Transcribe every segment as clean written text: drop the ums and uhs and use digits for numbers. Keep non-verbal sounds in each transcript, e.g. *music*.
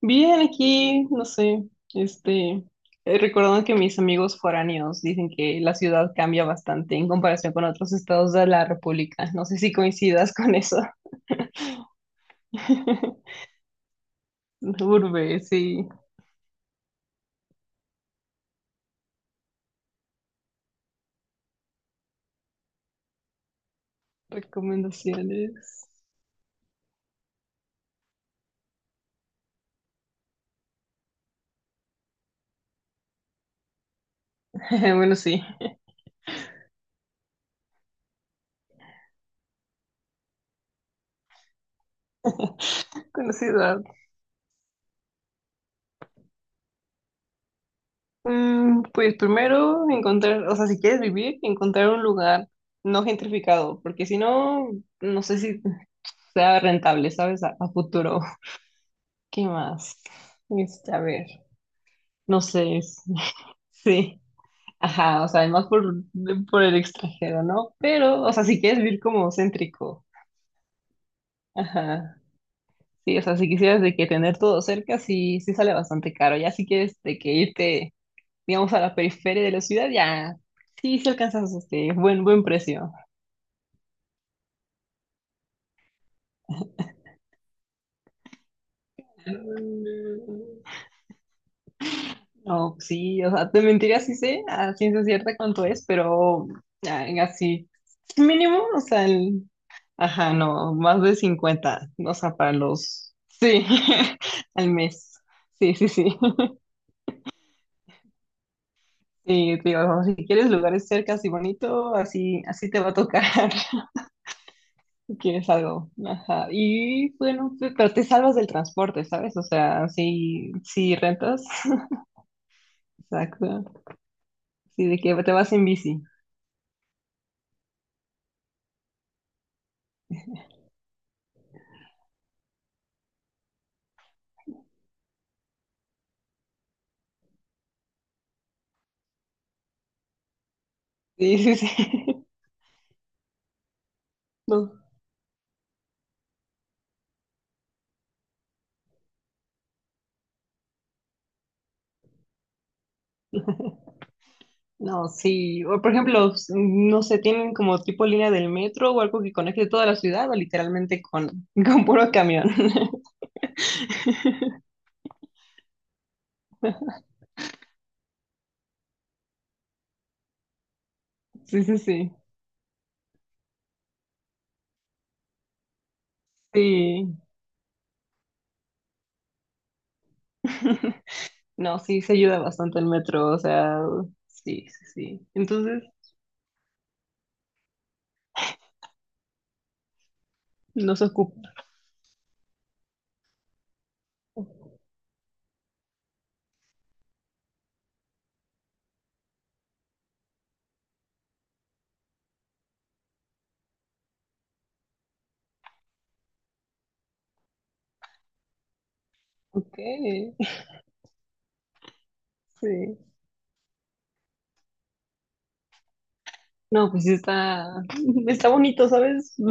Bien, aquí, no sé, este, recordando que mis amigos foráneos dicen que la ciudad cambia bastante en comparación con otros estados de la República. No sé si coincidas con eso. *laughs* Urbe, sí. Recomendaciones. *laughs* Bueno, sí. *laughs* Con la ciudad. Mm, pues primero encontrar, o sea, si quieres vivir, encontrar un lugar no gentrificado, porque si no, no sé si sea rentable, ¿sabes? A futuro. ¿Qué más? Este, a ver, no sé, *laughs* sí, ajá, o sea, además por el extranjero, ¿no? Pero, o sea, si quieres vivir como céntrico, ajá, sí, o sea, si quisieras de que tener todo cerca, sí, sí sale bastante caro, ya si quieres de que irte, digamos, a la periferia de la ciudad, ya, sí, sí alcanzas este buen, buen precio. No, sí, o sea, te mentiría si sé a ciencia cierta cuánto es, pero ah, así, mínimo, o sea, ajá, no, más de 50 o sea, para los, sí, *laughs* al mes, sí, sí, sí, *laughs* sí, te digo, si quieres lugares cercas y bonito, así, así te va a tocar, *laughs* quieres algo, ajá, y bueno, pero te salvas del transporte, ¿sabes? O sea, si rentas, *laughs* exacto, sí, de que te vas en bici, sí, sí, sí. *laughs* no No, sí. O, por ejemplo, no sé, tienen como tipo línea del metro o algo que conecte toda la ciudad o literalmente con, *laughs* con puro camión. *laughs* Sí, sí, sí. Sí. *laughs* No, sí, se ayuda bastante el metro, o sea, sí, sí, sí. Entonces, nos ocupa. Ok, sí. No, pues sí está, *laughs* está bonito, ¿sabes? *laughs*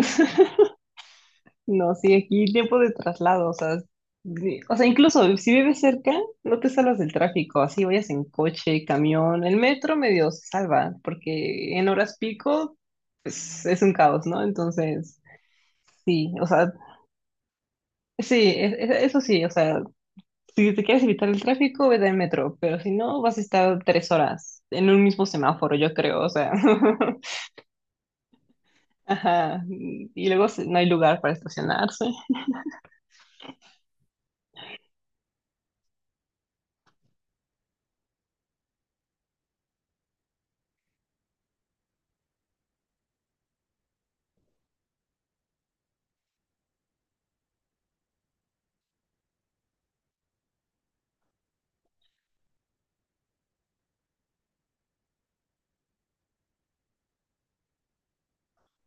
No, sí, aquí tiempo de traslado, o sea, o sea, incluso si vives cerca, no te salvas del tráfico, así vayas en coche, camión, el metro medio se salva, porque en horas pico, pues es un caos, ¿no? Entonces, sí, o sea, sí, eso sí, o sea, si te quieres evitar el tráfico, vete en metro, pero si no, vas a estar tres horas en un mismo semáforo, yo creo, o sea, *laughs* ajá, y luego no hay lugar para estacionarse,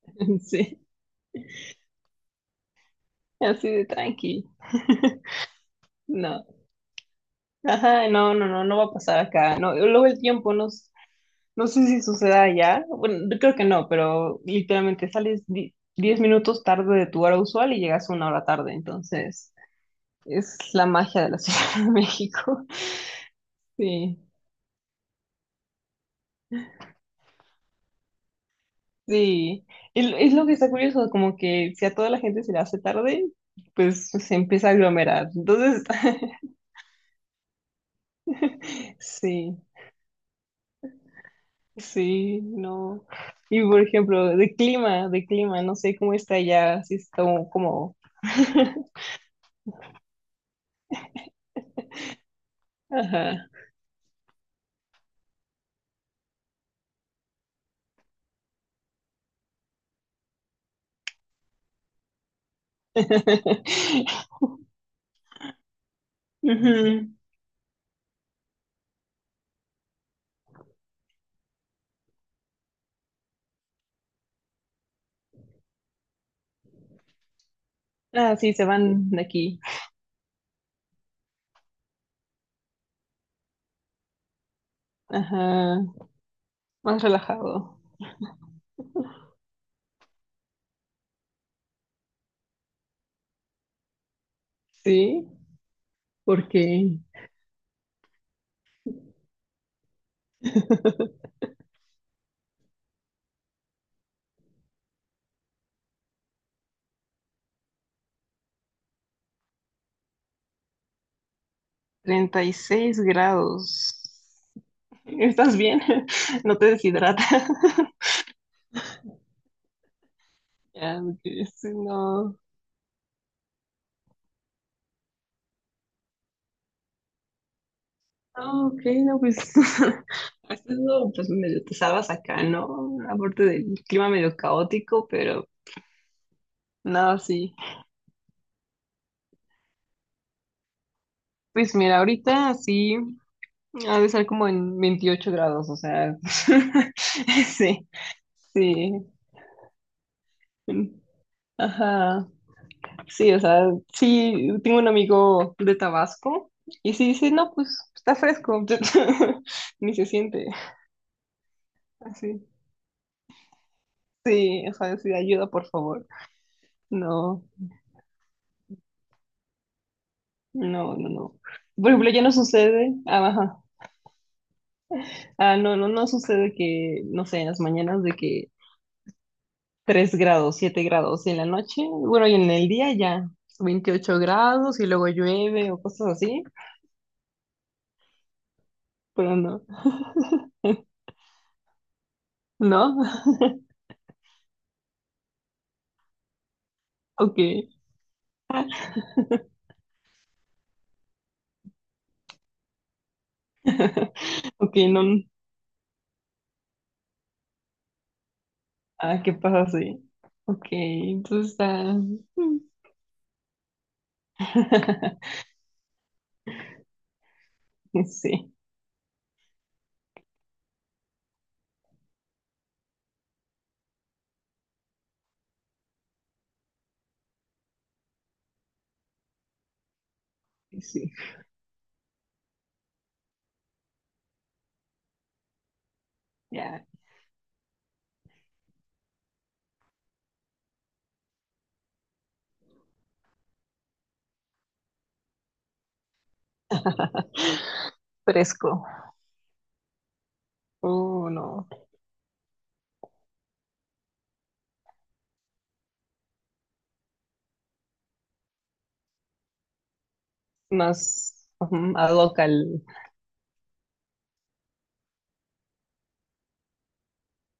*laughs* sí, así de tranqui. *laughs* No, ajá, no, no, no, no va a pasar acá. No, luego el tiempo no, no sé si suceda allá. Bueno, yo creo que no, pero literalmente sales 10 minutos tarde de tu hora usual y llegas una hora tarde. Entonces, es la magia de la *laughs* Ciudad de México. Sí, sí. Es lo que está curioso, como que si a toda la gente se le hace tarde, pues se empieza a aglomerar. Entonces, *laughs* sí. Sí, no. Y por ejemplo, de clima, no sé cómo está allá, si está como. *laughs* Ajá. *laughs* Ujú. Ah, sí, se van de aquí. Ajá, más relajado. Sí, porque *laughs* 36 grados. ¿Estás bien? *laughs* No te deshidrata. *laughs* Ya, porque sí, no. Ah, ok, no, pues *laughs* has estado pues medio te salvas acá, ¿no? Aparte del clima medio caótico, pero nada, así. Pues mira, ahorita sí ha de estar como en 28 grados, o sea, *laughs* sí, sí. Ajá, sí, o sea, sí, tengo un amigo de Tabasco y sí dice, no, pues está fresco, *laughs* ni se siente así. Sí, o sea, sí, ayuda, por favor. No. No, no, no. Por ejemplo, ya no sucede. Ah, ajá. Ah, no, no, no sucede que, no sé, en las mañanas de que 3 grados, 7 grados y en la noche. Bueno, y en el día ya 28 grados y luego llueve o cosas así. Pero no. ¿No? *laughs* Ok. Ok, no. Ah, ¿qué pasa así? Ok, entonces está. *laughs* Sí, sí. Ya. *laughs* Fresco. Oh, no. Más ujú, ad hoc al,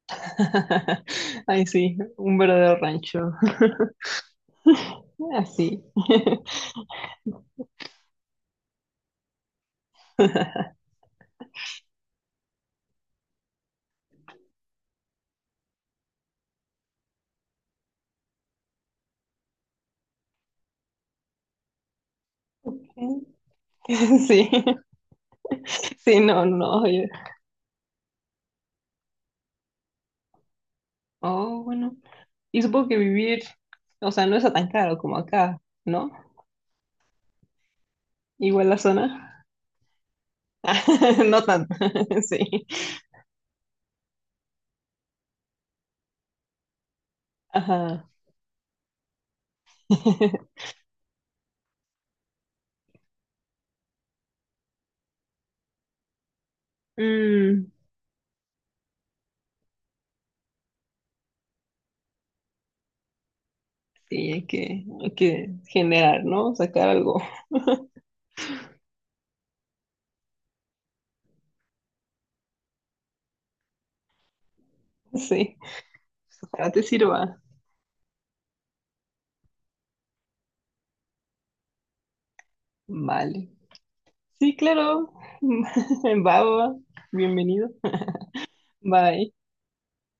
*laughs* Ay, sí, un verdadero rancho. *laughs* Así. *laughs* Sí, sí, no, no. Oye. Oh, bueno. Y supongo que vivir, o sea, no es tan caro como acá, ¿no? Igual la zona. *laughs* No tanto, *laughs* sí. Ajá. Mm, sí, hay que generar, ¿no? Sacar algo. Sí. Ojalá te sirva. Vale. Sí, claro. *laughs* Va, va, va. Bienvenido. Bye.